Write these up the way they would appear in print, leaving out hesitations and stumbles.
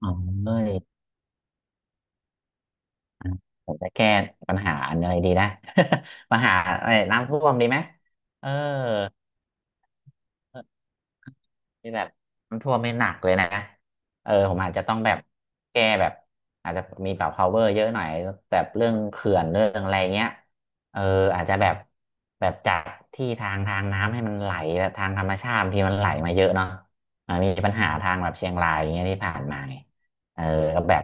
อ๋อเอ้ยอ่ะผมจะแก้ปัญหาอะไรดีนะ ปัญหาอะไรน้ำท่วมดีไหมเออที่แบบมันท่วมไม่หนักเลยนะอผมอาจจะต้องแบบแก้แบบอาจจะมีแบบ power เยอะหน่อยแบบเรื่องเขื่อนเรื่องอะไรเงี้ยเอออาจจะแบบจัดที่ทางน้ำให้มันไหลแบบทางธรรมชาติบางที่มันไหลมาเยอะเนาะมีปัญหาทางแบบเชียงรายอย่างเงี้ยที่ผ่านมาไงเออก็แบบ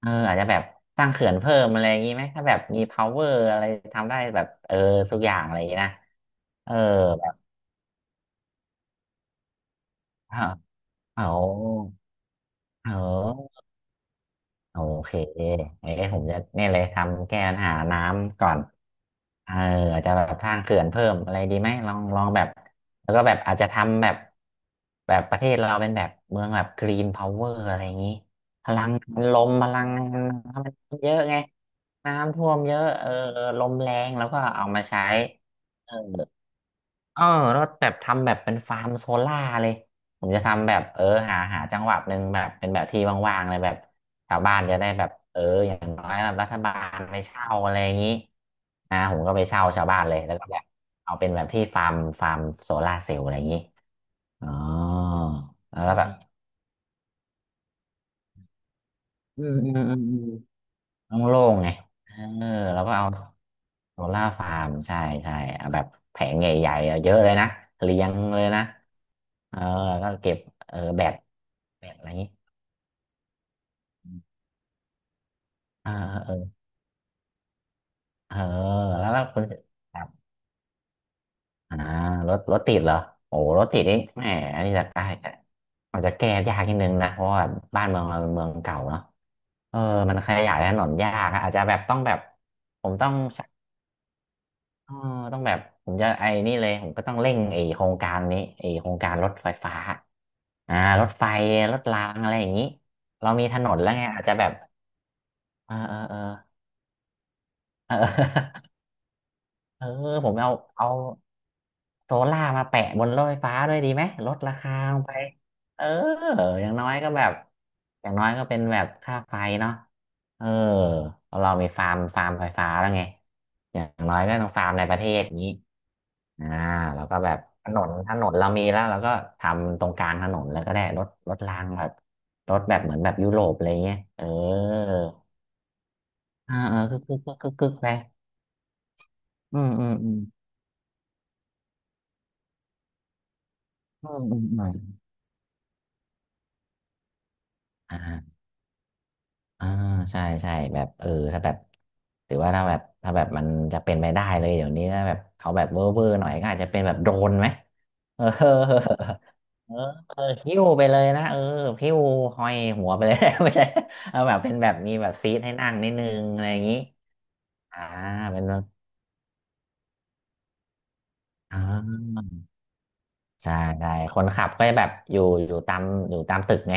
เอออาจจะแบบสร้างเขื่อนเพิ่มอะไรอย่างนี้ไหมถ้าแบบมี power อะไรทำได้แบบทุกอย่างอะไรอย่างนี้นะเออแบบเออออเออ โอเคเอ๊ะผมจะเนี่ยเลยทำแก้ปัญหาน้ำก่อนเอออาจจะแบบสร้างเขื่อนเพิ่มอะไรดีไหมลองแบบแล้วก็แบบอาจจะทำแบบประเทศเราเป็นแบบเมืองแบบกรีนพาวเวอร์อะไรอย่างนี้พลังงานลมพลังงานน้ำมันเยอะไงน้ำท่วมเยอะลมแรงแล้วก็เอามาใช้เออ เออแล้วแบบทำแบบเป็นฟาร์มโซล่าเลยผมจะทำแบบหาจังหวัดหนึ่งแบบเป็นแบบที่ว่างๆเลยแบบชาวบ้านจะได้แบบอย่างน้อยแบบรัฐบาลไปเช่าอะไรอย่างนี้ผมก็ไปเช่าชาวบ้านเลยแล้วก็แบบเอาเป็นแบบที่ฟาร์มโซล่าเซลล์อะไรอย่างนี้อ๋อแล้วก็แบบอืมอืมอืมอโล่งๆไงเออแล้วก็เอา โซล่าฟาร์มใช่ใช่แบบแผงใหญ่ๆเยอะเลยนะเรียงเลยนะเออแล้วก็เก็บเออแบตแบตอะไรอย่างนี้เออเออเออแล้วก็คุณครับอ่ารถติดเหรอโอ้รถติดนี่แหมอันนี้จะได้จะอาจจะแก้ยากนิดนึงนะเพราะว่าบ้านเมืองเราเป็นเมืองเก่าเนาะเออมันขยายถนนยากอาจจะแบบต้องแบบผมต้อง อ๋อต้องแบบผมจะไอ้นี่เลยผมก็ต้องเร่งไอ้โครงการรถไฟฟ้าอ่ารถไฟรถรางอะไรอย่างนี้เรามีถนนแล้วไงอาจจะแบบเออเออเออ เออ เออผมเอาโซล่าร์มาแปะบนรถไฟฟ้าด้วยดีไหมลดราคาลงไปเอออย่างน้อยก็แบบอย่างน้อยก็เป็นแบบค่าไฟเนาะเออเรามีฟาร์มไฟฟ้าแล้วไงอย่างน้อยก็ต้องฟาร์มในประเทศนี้ อ่าแล้วก็แบบถนนเรามีแล้วเราก็ทำตรงกลางถนนแล้วก็ได้รถรางแบบรถแบบเหมือนแบบยุโรปอะไรเงี้ยคึกคึกคึกคึกคึกไปอืมอืมอืมอืมอืมอืมอ่าอ่าใช่ใช่แบบถ้าแบบหรือว่าถ้าแบบมันจะเป็นไปได้เลยเดี๋ยวนี้ถ้าแบบเอาแบบเวอร์หน่อยก็อาจจะเป็นแบบโดรนไหมเออ เอหิ้วไปเลยนะหิ้วห้อยหัวไปเลย ไม่ใช่เอาแบบเป็นแบบมีแบบซีทให้นั่งนิดนึงอะไรอย่างนี้อ่าเป็นแบบอ่าใช่ใช่คนขับก็จะแบบอยู่ตามตึกไง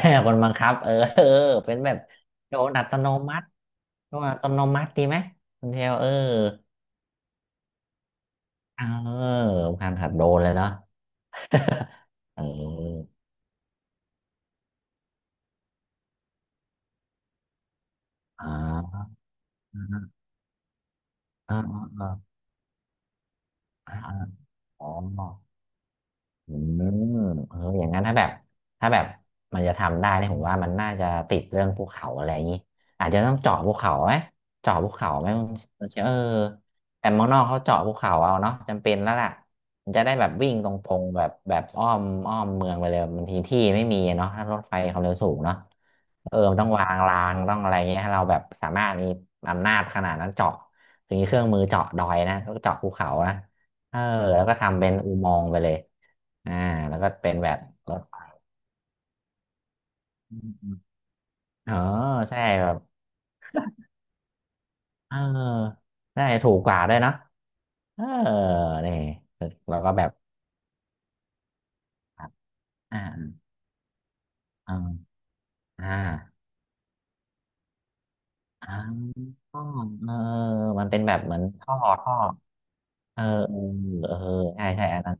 คนบังคับเป็นแบบโดนอัตโนมัติโดนอัตโนมัติดีไหมคุณเทลเออการขับโดนเลยเนาะ เอออ่าอ่าอ่าอ่าอ่าอ๋อ อืมเอออย่างนั้นถ้าแบบถ้าแบบมันจะทำได้เนี่ยผมว่ามันน่าจะติดเรื่องภูเขาอะไรอย่างนี้อาจจะต้องเจาะภูเขาไหมเจาะภูเขาไหมมันเชื่อแต่เมืองนอกเขาเจาะภูเขาเอาเนาะจำเป็นแล้วล่ะมันจะได้แบบวิ่งตรงๆแบบอ้อมเมืองไปเลยบางทีที่ไม่มีเนาะถ้ารถไฟความเร็วสูงเนาะมันต้องวางรางต้องอะไรเงี้ยให้เราแบบสามารถมีอำนาจขนาดนั้นเจาะถึงมีเครื่องมือเจาะดอยนะแล้วก็เจาะภูเขานะเออแล้วก็ทำเป็นอุโมงค์ไปเลย อ่าแล้วก็เป็นแบบรถอืมอ๋อใช่แบบเออใช่ถูกกว่าด้วยเนอะเออนี่เราก็แบบอ่าอ่าอ่าอ่าอ๋อเออมันเป็นแบบเหมือนท่อเออเออเออใช่ใช่อันนั้น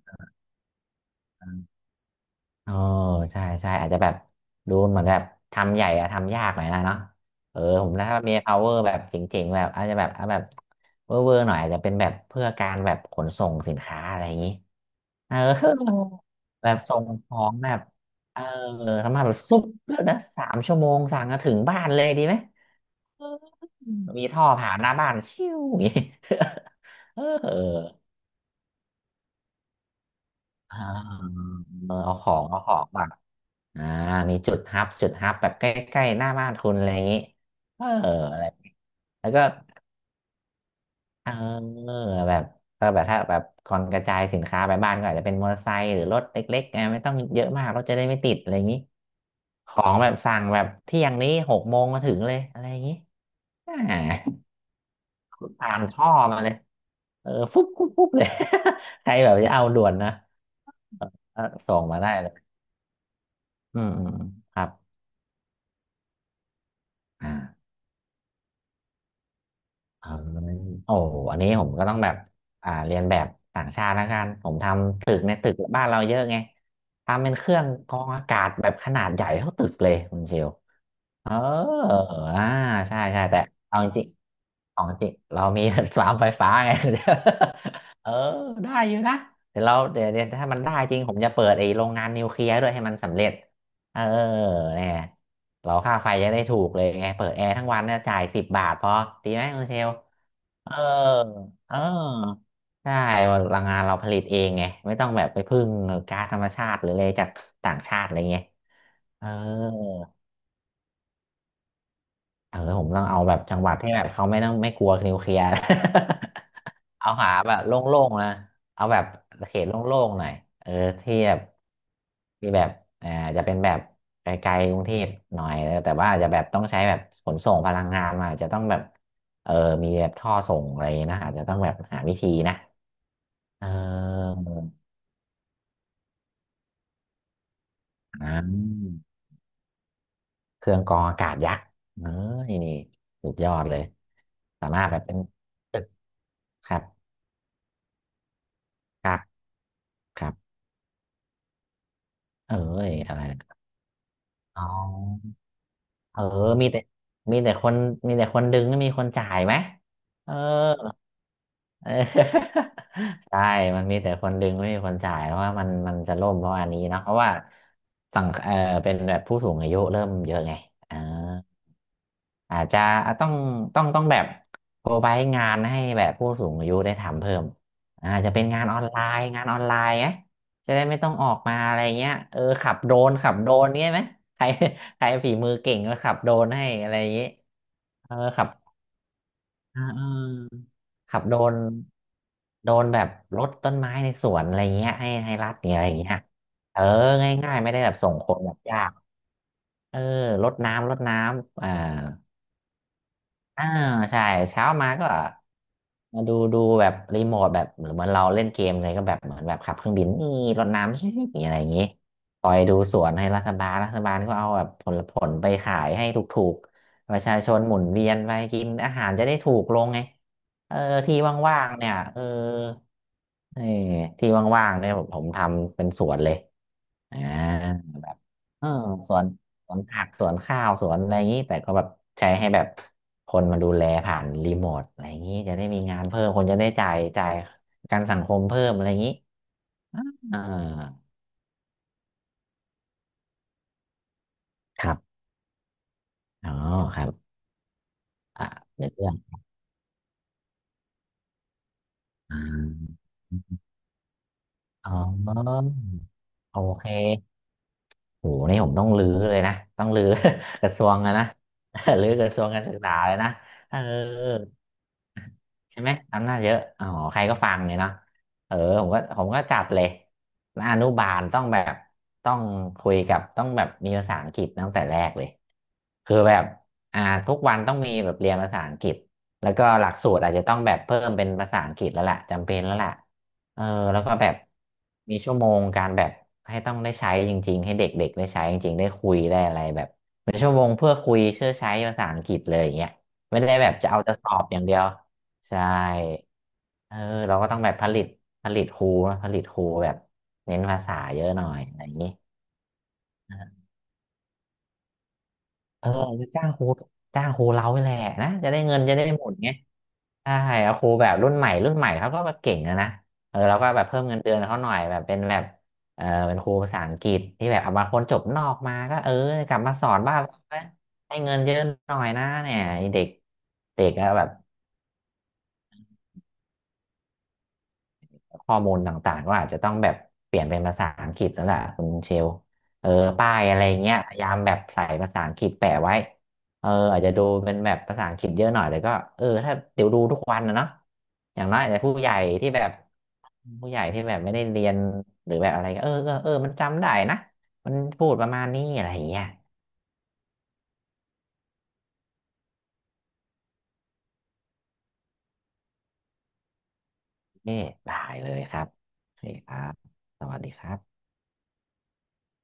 อันนั้นเออใช่ใช่อาจจะแบบดูเหมือนแบบทำใหญ่อะทำยากหน่อยนะเนาะผมถ้ามี power แบบเจ๋งๆแบบอาจจะแบบเอาแบบเวอร์หน่อยอาจจะเป็นแบบเพื่อการแบบขนส่งสินค้าอะไรอย่างนี้ เออ แบบส่งของแบบเออทำมาแบบซุปแล้วนะ3 ชั่วโมงสั่งมาถึงบ้านเลยดีไหมเออมีท่อผ่านหน้าบ้านชิวอย่างงี้ เอออ่าเอาของแบบอ่ามีจุดฮับจุดฮับแบบใกล้ๆหน้าบ้านคุณอะไรอย่างงี้เอออะไรแล้วก็เออแบบก็แบบถ้าแบบก่อนกระจายสินค้าไปบ้านก็อาจจะเป็นมอเตอร์ไซค์หรือรถเล็กๆไงไม่ต้องเยอะมากรถจะได้ไม่ติดอะไรอย่างนี้ ของแบบสั่งแบบเที่ยงนี้หกโมงมาถึงเลยอะไรอย่างนี้อ่าผ่านท่อมาเลยเออฟุบฟุบฟุบเลย ใครแบบจะเอาด่วนนะเออส่งมาได้เลยอืมอืมอืมครับอ่าเออโอ้อันนี้ผมก็ต้องแบบเรียนแบบต่างชาติแล้วกันผมทำตึกในตึกบ้านเราเยอะไงทำเป็นเครื่องกรองอากาศแบบขนาดใหญ่เท่าตึกเลยคุณเชล เอออ่าใช่ใช่แต่เอาจริงๆของจริงเรามี สวามไฟฟ้าไง เออ ได้อยู่นะ เดี๋ยวเราเดี๋ยวถ้ามันได้จริงผมจะเปิดไอ้โรงงานนิวเคลียร์ด้วยให้มันสำเร็จ เออเนี่ยเราค่าไฟจะได้ถูกเลยไงเปิดแอร์ทั้งวันเนี่ยจ่ายสิบบาทพอดีไหมคุณเชลเออ เออ ใช่พลังงานเราผลิตเองไงไม่ต้องแบบไปพึ่งก๊าซธรรมชาติหรืออะไรจากต่างชาติอะไรเงี้ยเออ เออผมต้องเอาแบบจังหวัดที่แบบเขาไม่ต้องไม่กลัวนิวเคลียร์ เอาหาแบบโล่งๆนะเอาแบบเขตโล่งๆหน่อยเออที่แบบที่แบบเอ่อจะเป็นแบบไกลๆกรุงเทพหน่อยเออแต่ว่าอาจจะแบบต้องใช้แบบขนส่งพลังงานมาอาจจะต้องแบบเออมีแบบท่อส่งอะไรนะอาจจะต้องแบบหาวิธีนะเอออ่าเครื่องกรองอากาศยักษ์เออนี่สุดยอดเลยสามารถแบบเป็นตึกครับครับครับ เอ้ยอะไรนะอ๋อเออมีแต่มีแต่คนมีแต่คนดึงไม่มีคนจ่ายไหมเออเออ ใช่มันมีแต่คนดึงไม่มีคนจ่ายเพราะว่ามันจะล่มเพราะอันนี้เนอะเพราะว่าสังเออเป็นแบบผู้สูงอายุเริ่มเยอะไงอ่า อาจจะต้องต้องแบบโปรไวงานให้แบบผู้สูงอายุได้ทำเพิ่มอาจจะเป็นงานออนไลน์งานออนไลน์ไหมจะได้ไม่ต้องออกมาอะไรเงี้ยเออขับโดรนขับโดรนเงี้ยไหมใครใครฝีมือเก่งก็ขับโดรนให้อะไรอย่างงี้เออขับอ่าเออขับโดรนโดรนแบบรดต้นไม้ในสวนอะไรเงี้ยให้รัดเนี่ยอะไรเงี้ยเออง่ายๆไม่ได้แบบส่งคนแบบยากเออรดน้ำรดน้ำอ่า อ่าใช่เช้ามาก็มาดูแบบรีโมทแบบเหมือนเหมือนเราเล่นเกมเลยก็แบบเหมือนแบบขับเครื่องบินนี่รดน้ำชิ่อะไรอย่างนี้คอยดูสวนให้รัฐบาลรัฐบาลก็เอาแบบผลผลไปขายให้ถูกๆประชาชนหมุนเวียนไปกินอาหารจะได้ถูกลงไงเออที่ว่างๆเนี่ยเออเออที่ว่างๆเนี่ยผมทำเป็นสวนเลยอ่า เออสวนสวนผักสวนข้าวสวนอะไรอย่างนี้แต่ก็แบบใช้ให้แบบคนมาดูแลผ่านรีโมทอะไรอย่างนี้จะได้มีงานเพิ่มคนจะได้จ่ายประกันสังคมเพิ่มอะไรอย่างนี้เออครับอ๋อครับอ่าเป็นเรื่องอ่าอ๋อโอเคโหนี่ผมต้องรื้อเลยนะต้องรื้อ กระทรวงอะนะ รื้อกระทรวงการศึกษาเลยนะเออ ใช่ไหมอำนาจเยอะอ๋อใครก็ฟังเลยเนาะเออผมก็จัดเลยอนุบาลต้องแบบต้องคุยกับต้องแบบมีภาษาอังกฤษตั้งแต่แรกเลยคือแบบอ่าทุกวันต้องมีแบบเรียนภาษาอังกฤษแล้วก็หลักสูตรอาจจะต้องแบบเพิ่มเป็นภาษาอังกฤษแล้วล่ะจำเป็นแล้วล่ะเออแล้วก็แบบมีชั่วโมงการแบบให้ต้องได้ใช้จริงๆให้เด็กๆได้ใช้จริงๆได้คุยได้อะไรแบบเป็นชั่วโมงเพื่อคุยเชื่อใช้ภาษาอังกฤษเลยอย่างเงี้ยไม่ได้แบบจะเอาจะสอบอย่างเดียว ใช่เออเราก็ต้องแบบผลิตผลิตครูนะผลิตครูแบบเน้นภาษาเยอะหน่อยอะไรอย่างนี้เออจะจ้างครูจ้างครูเราไปแหละนะจะได้เงินจะได้หมดไงใช่เอาครูแบบรุ่นใหม่รุ่นใหม่เขาก็แบบเก่งนะนะเออเราก็แบบเพิ่มเงินเดือนเขาหน่อยแบบเป็นแบบเออเป็นครูภาษาอังกฤษที่แบบเอามางคนจบนอกมาก็เออกลับมาสอนบ้านเรานะให้เงินเยอะหน่อยนะเนี่ยไอ้เด็กเด็กก็แบบ ข้อมูลต่างๆก็อาจจะต้องแบบเปลี่ยนเป็นภาษาอังกฤษแล้วล่ะคุณเชลเออป้ายอะไรเงี้ยพยายามแบบใส่ภาษาอังกฤษแปะไว้เอออาจจะดูเป็นแบบภาษาอังกฤษเยอะหน่อยแต่ก็เออถ้าเดี๋ยวดูทุกวันนะเนาะอย่างน้อยอาจจะผู้ใหญ่ที่แบบผู้ใหญ่ที่แบบไม่ได้เรียนหรือแบบอะไรก็เออมันจำได้นะมันพูดประมาณนี้อะไรอย่างเงี้ยนี่ได้เลยครับโอเคครับสวัสดีครับ